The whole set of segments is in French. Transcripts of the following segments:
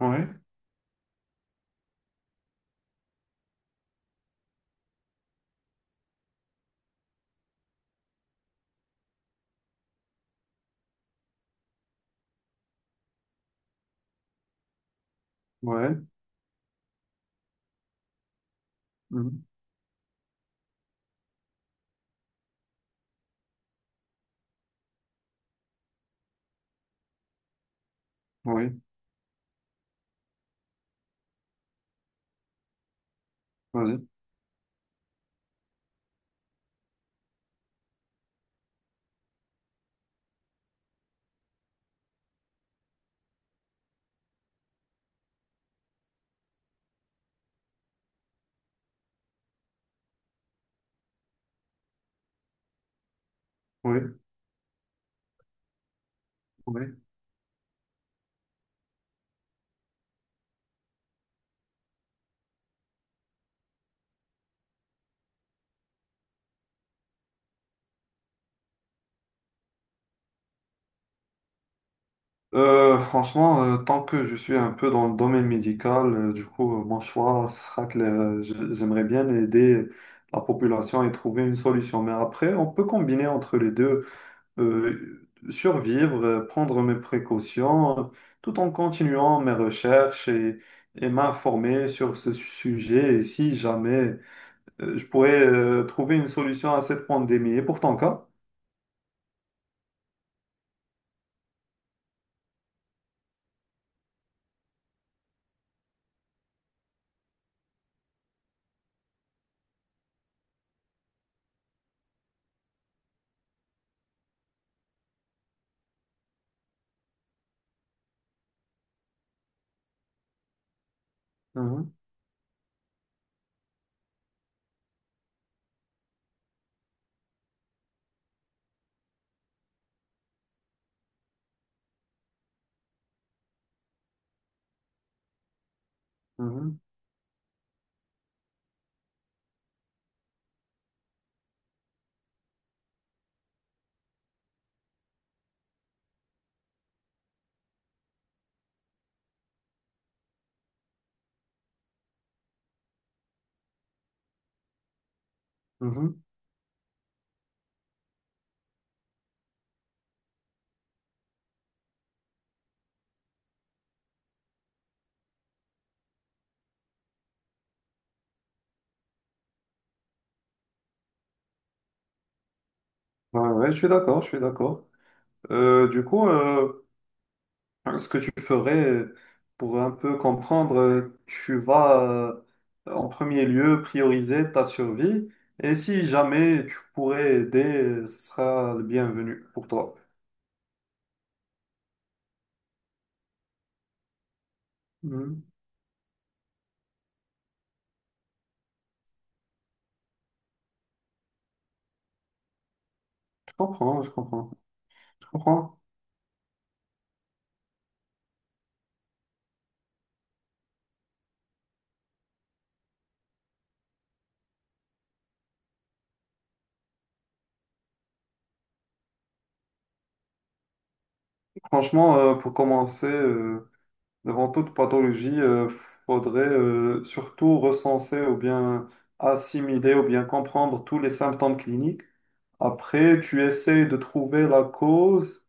Ouais, ouais, mhm, oui, vas-y, oui, oui. Franchement, tant que je suis un peu dans le domaine médical, du coup, mon choix sera que j'aimerais bien aider la population et trouver une solution. Mais après, on peut combiner entre les deux, survivre, prendre mes précautions, tout en continuant mes recherches et m'informer sur ce sujet. Et si jamais, je pourrais trouver une solution à cette pandémie. Et pour ton cas? Mhm, mhm. Ouais, ouais, je suis d'accord, je suis d'accord. Du coup, ce que tu ferais pour un peu comprendre, tu vas en premier lieu prioriser ta survie et si jamais tu pourrais aider, ce sera le bienvenu pour toi. Mhm. Je comprends, je comprends, je comprends. Franchement, pour commencer, devant toute pathologie, faudrait surtout recenser ou bien assimiler ou bien comprendre tous les symptômes cliniques. Après, tu essayes de trouver la cause,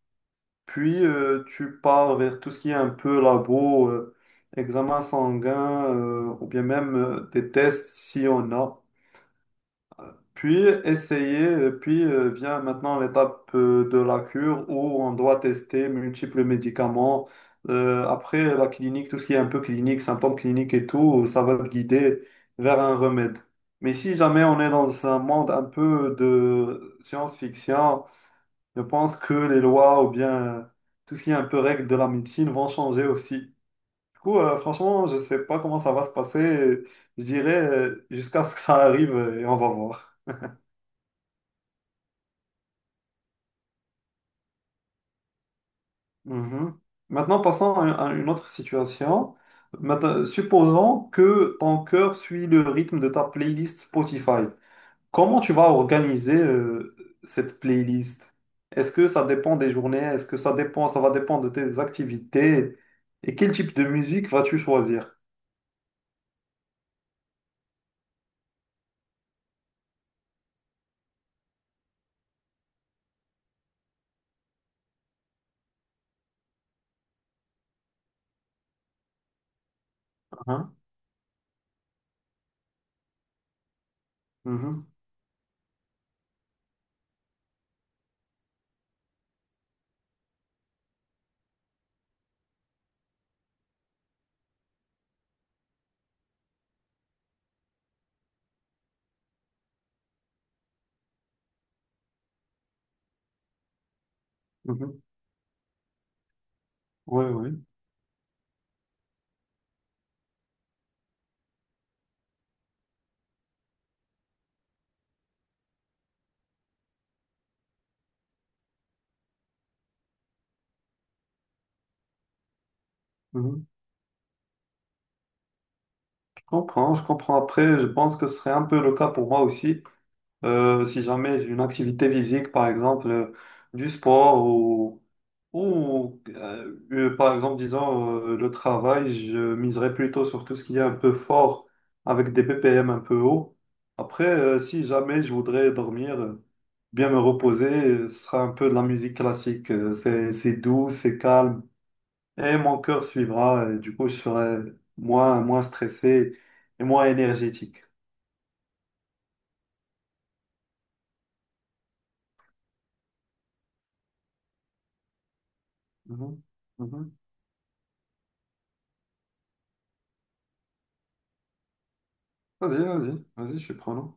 puis tu pars vers tout ce qui est un peu labo, examen sanguin, ou bien même des tests si on a. Puis essayer, puis vient maintenant l'étape de la cure où on doit tester multiples médicaments. Après la clinique, tout ce qui est un peu clinique, symptômes cliniques et tout, ça va te guider vers un remède. Mais si jamais on est dans un monde un peu de science-fiction, je pense que les lois ou bien euh, tout ce qui est un peu règles de la médecine vont changer aussi. Du coup, franchement, je ne sais pas comment ça va se passer. Je dirais jusqu'à ce que ça arrive et on va voir. Mhm. Maintenant, passons à une autre situation. Maintenant, supposons que ton cœur suit le rythme de ta playlist Spotify. Comment tu vas organiser cette playlist? Est-ce que ça dépend des journées? Est-ce que ça dépend, ça va dépendre de tes activités? Et quel type de musique vas-tu choisir? Hein. Mhm, mhm. Oui, oui. Mhm. Je comprends, je comprends. Après, je pense que ce serait un peu le cas pour moi aussi. Si jamais j'ai une activité physique, par exemple, du sport ou ou par exemple, disons, le travail, je miserais plutôt sur tout ce qui est un peu fort, avec des BPM un peu hauts. Après, si jamais je voudrais dormir, bien me reposer, ce sera un peu de la musique classique. C'est doux, c'est calme, et mon cœur suivra, et du coup, je serai moins, moins stressé et moins énergétique. Mhm, mhm. Vas-y, vas-y, vas-y, je suis prenant.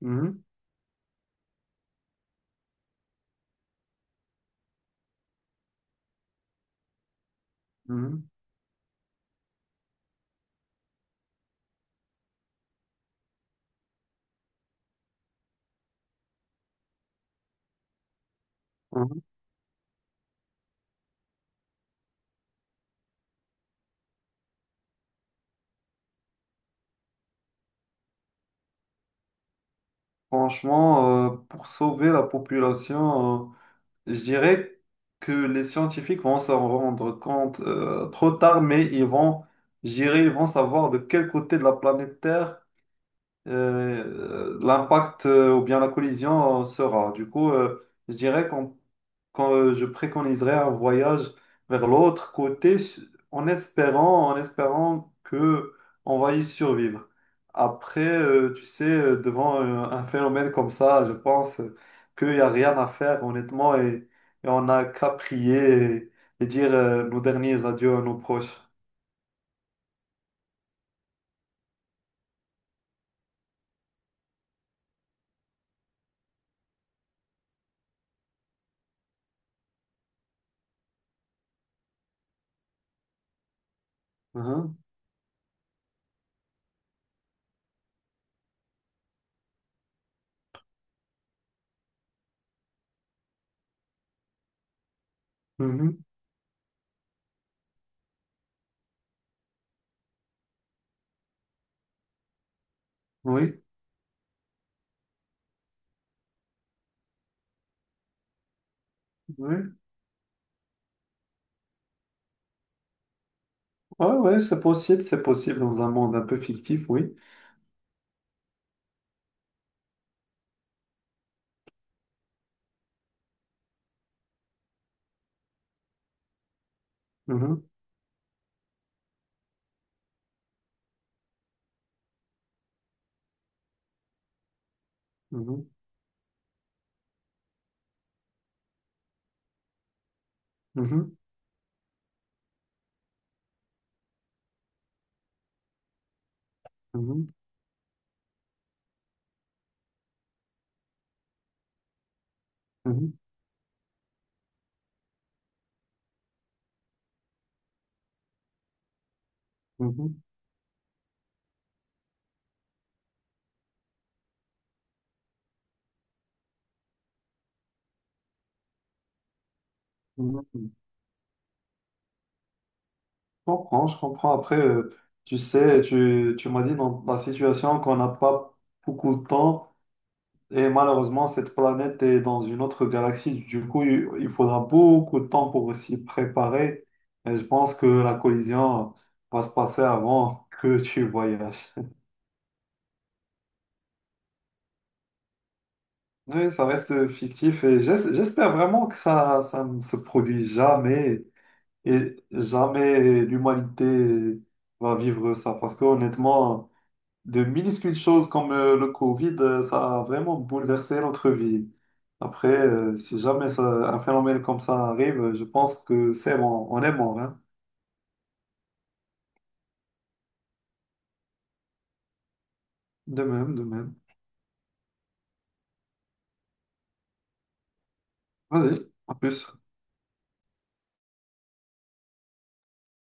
Mhm, mhm, mhm. Franchement, pour sauver la population, je dirais que les scientifiques vont s'en rendre compte trop tard, mais ils vont, je dirais, ils vont savoir de quel côté de la planète Terre l'impact ou bien la collision sera. Du coup, je dirais qu'on quand, je préconiserais un voyage vers l'autre côté en espérant que on va y survivre. Après, tu sais, devant un phénomène comme ça, je pense qu'il n'y a rien à faire, honnêtement, et on n'a qu'à prier et dire nos derniers adieux à nos proches. Mhm. Mhm. Oui, oui. Ouais, ouais, c'est possible dans un monde un peu fictif, oui. Mhm. Mhm. Mhm. Mhm. Mhm. Mhm. Mhm. Je comprends, je comprends. Après, tu sais, tu m'as dit dans la situation qu'on n'a pas beaucoup de temps et malheureusement, cette planète est dans une autre galaxie. Du coup, il faudra beaucoup de temps pour s'y préparer. Et je pense que la collision va se passer avant que tu voyages. Oui, ça reste fictif et j'espère vraiment que ça ne se produit jamais et jamais l'humanité va vivre ça parce que honnêtement, de minuscules choses comme le Covid, ça a vraiment bouleversé notre vie. Après, si jamais un phénomène comme ça arrive, je pense que c'est bon, on est mort, hein. De même, de même. Vas-y, en plus.